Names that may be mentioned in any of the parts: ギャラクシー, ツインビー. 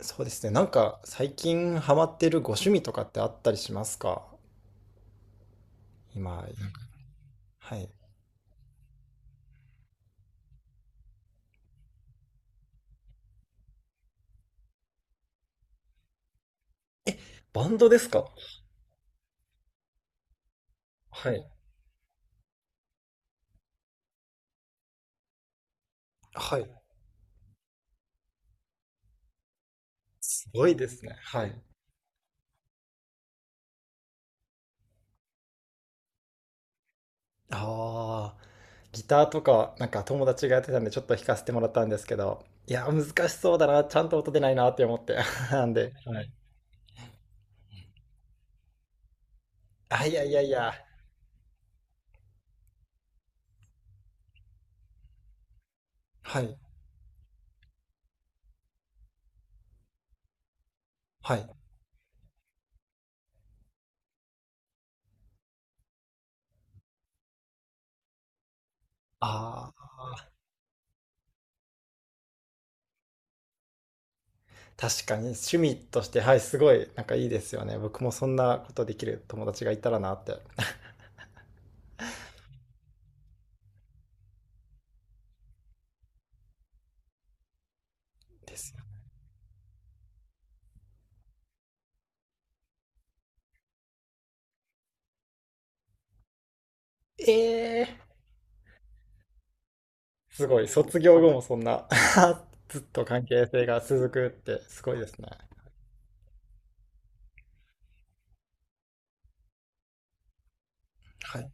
そうですね。なんか最近ハマってるご趣味とかってあったりしますか今。はい。バンドですか。はい。はい。すごいですね。はい。ああ、ギターとか、なんか友達がやってたんでちょっと弾かせてもらったんですけど、いや、難しそうだな。ちゃんと音出ないなって思って。なんで、はい。あ、いやいやいや。はい。はい。ああ、確かに趣味として、はい、すごい、なんかいいですよね。僕もそんなことできる友達がいたらなって。ですよ。ええ、すごい。卒業後もそんな ずっと関係性が続くってすごいですね。はい。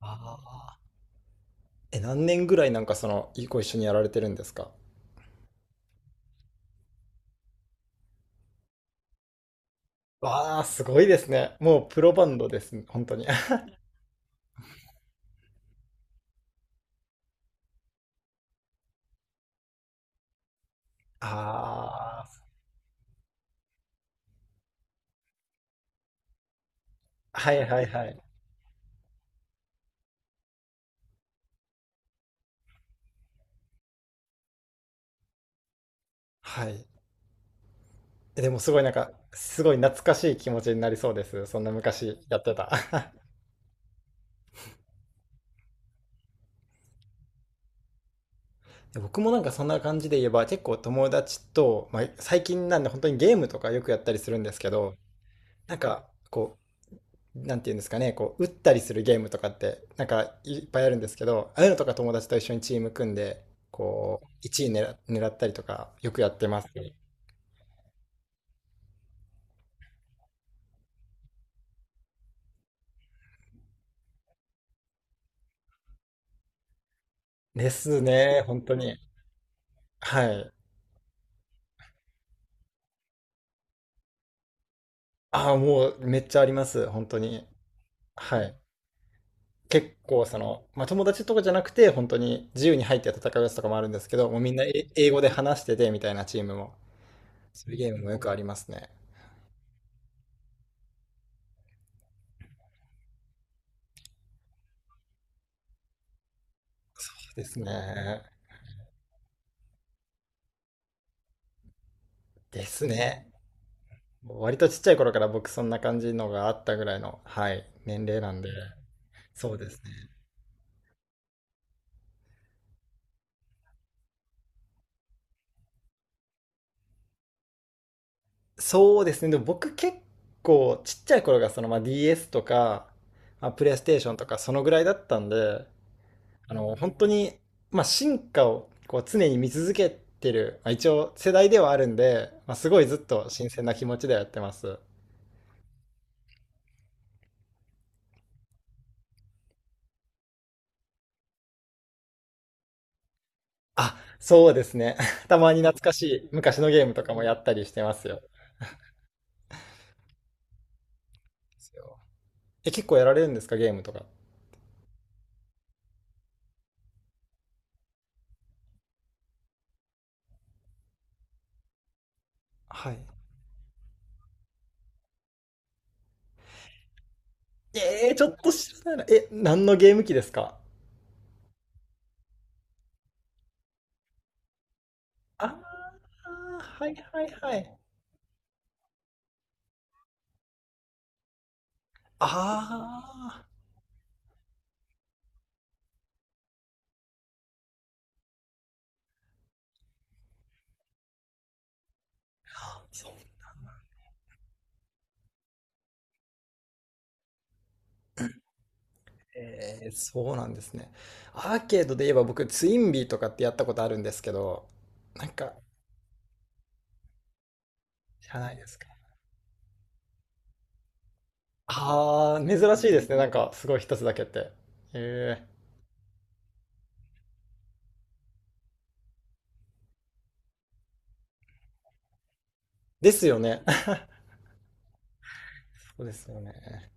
ああ。え、何年ぐらいなんかその、ご一緒にやられてるんですか。わあ、すごいですね。もうプロバンドですね、本当に。ああ、はいはいはい。はい。え、でもすごいなんか、すごい懐かしい気持ちになりそうです。そんな昔やってた。で僕もなんかそんな感じで言えば結構友達と、まあ、最近なんで本当にゲームとかよくやったりするんですけど、なんかこなんていうんですかね、こう、打ったりするゲームとかって、なんかいっぱいあるんですけど、ああいうのとか友達と一緒にチーム組んで、こう、1位狙ったりとか、よくやってますね。ですね、本当に。はい。ああ、もうめっちゃあります、本当に。はい。結構、その、まあ、友達とかじゃなくて、本当に自由に入って戦うやつとかもあるんですけど、もうみんな英語で話しててみたいなチームも、そういうゲームもよくありますね。ですね。ですね。割とちっちゃい頃から僕そんな感じのがあったぐらいの、はい、年齢なんで、そうですね。そうですね。でも僕、ちっちゃい頃がそのまあ DS とか、まあ、プレイステーションとかそのぐらいだったんで、あの、本当に、まあ、進化をこう常に見続けてる、まあ、一応世代ではあるんで、まあ、すごいずっと新鮮な気持ちではやってます。あ、そうですね。たまに懐かしい昔のゲームとかもやったりしてますよ。ですよ。え、結構やられるんですか、ゲームとか。はい。ええー、ちょっと知らないな。え、何のゲーム機ですか。ああ、はいはいはい。ああ、そう、えー、そうなんですね。アーケードで言えば僕、ツインビーとかってやったことあるんですけど、なんか、知らないですか。ああ、珍しいですね。なんか、すごい一つだけって。ええ。ですよね。そうですよね。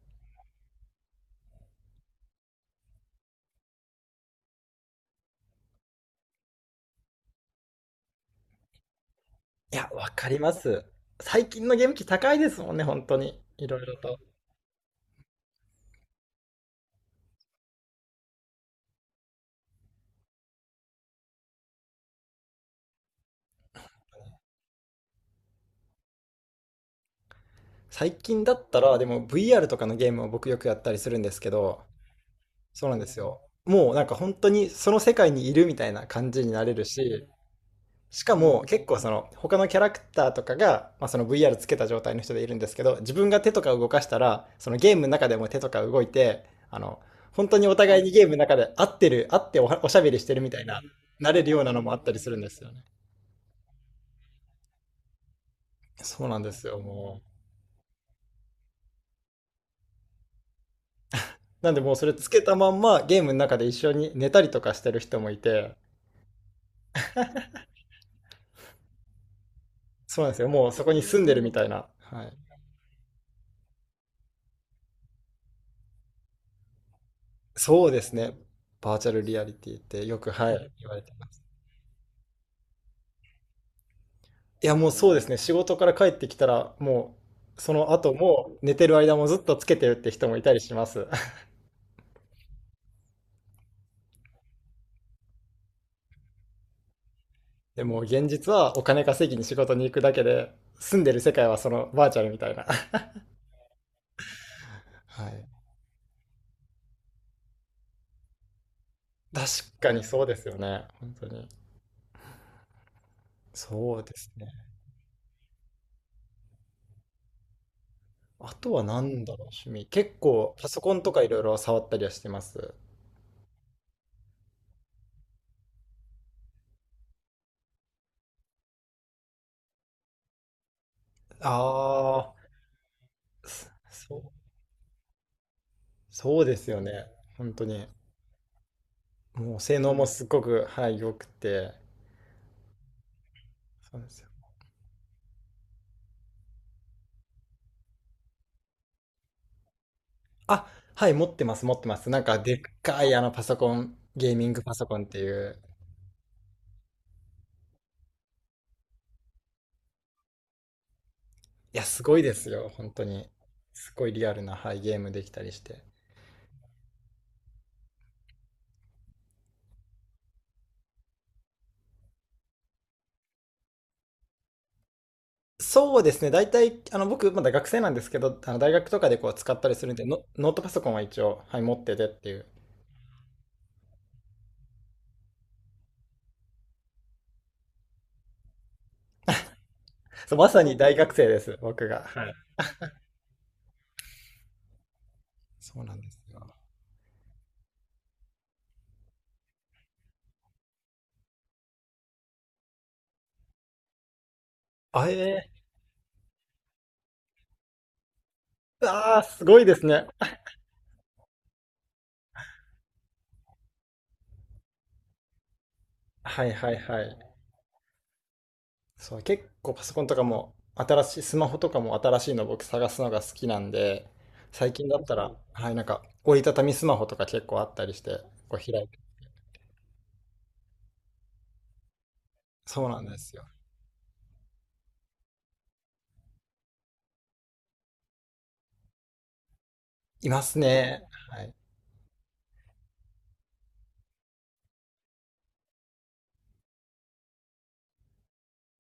いいいいわかります。最近のゲーム機高いですもんね、本当に、いろいろと。最近だったら、でも VR とかのゲームを僕よくやったりするんですけど、そうなんですよ。もうなんか本当にその世界にいるみたいな感じになれるし、しかも結構その他のキャラクターとかが、まあ、その VR つけた状態の人でいるんですけど、自分が手とか動かしたら、そのゲームの中でも手とか動いて、あの、本当にお互いにゲームの中で合ってる、合っておしゃべりしてるみたいな、なれるようなのもあったりするんですよね。そうなんですよ、もう。なんでもうそれつけたまんまゲームの中で一緒に寝たりとかしてる人もいて、そうなんですよ。もうそこに住んでるみたいな。はい。そうですね。バーチャルリアリティってよく、はい、言われてます。いや、もうそうですね。仕事から帰ってきたら、もう、その後も寝てる間もずっとつけてるって人もいたりします。でも現実はお金稼ぎに仕事に行くだけで、住んでる世界はそのバーチャルみたいな。はい。確かにそうですよね。本当に。そうですね。あとは何だろう、趣味。結構パソコンとかいろいろ触ったりはしてます。ああ、そう、そうですよね。本当に。もう性能もすっごく、はい、良くて。そうですよ。あ、はい、持ってます、持ってます。なんか、でっかいあのパソコン、ゲーミングパソコンっていう。いや、すごいですよ、本当に。すごいリアルな、はい、ゲームできたりして。そうですね、大体、あの、僕、まだ学生なんですけど、あの大学とかでこう使ったりするんで、ノートパソコンは一応、はい、持っててっていう。そう、まさに大学生です、僕が。はい。そうなんですよ。あ、えー、あー、すごいですね。はいはいはい。そう、結構パソコンとかも新しい、スマホとかも新しいの僕探すのが好きなんで、最近だったら、はい、なんか折りたたみスマホとか結構あったりして、こう開いて。そうなんですよ。いますね。はい。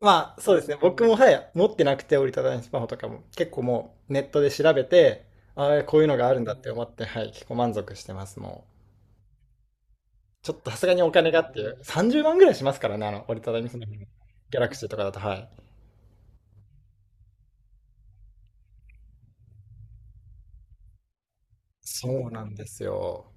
まあ、そうですね。僕も、はい、持ってなくて折りたたみスマホとかも結構もうネットで調べて、ああ、こういうのがあるんだって思って、はい、結構満足してます、もう。ちょっとさすがにお金がっていう、30万ぐらいしますからね、あの折りたたみスマホの。ギャラクシーとかだと、はい。そうなんですよ。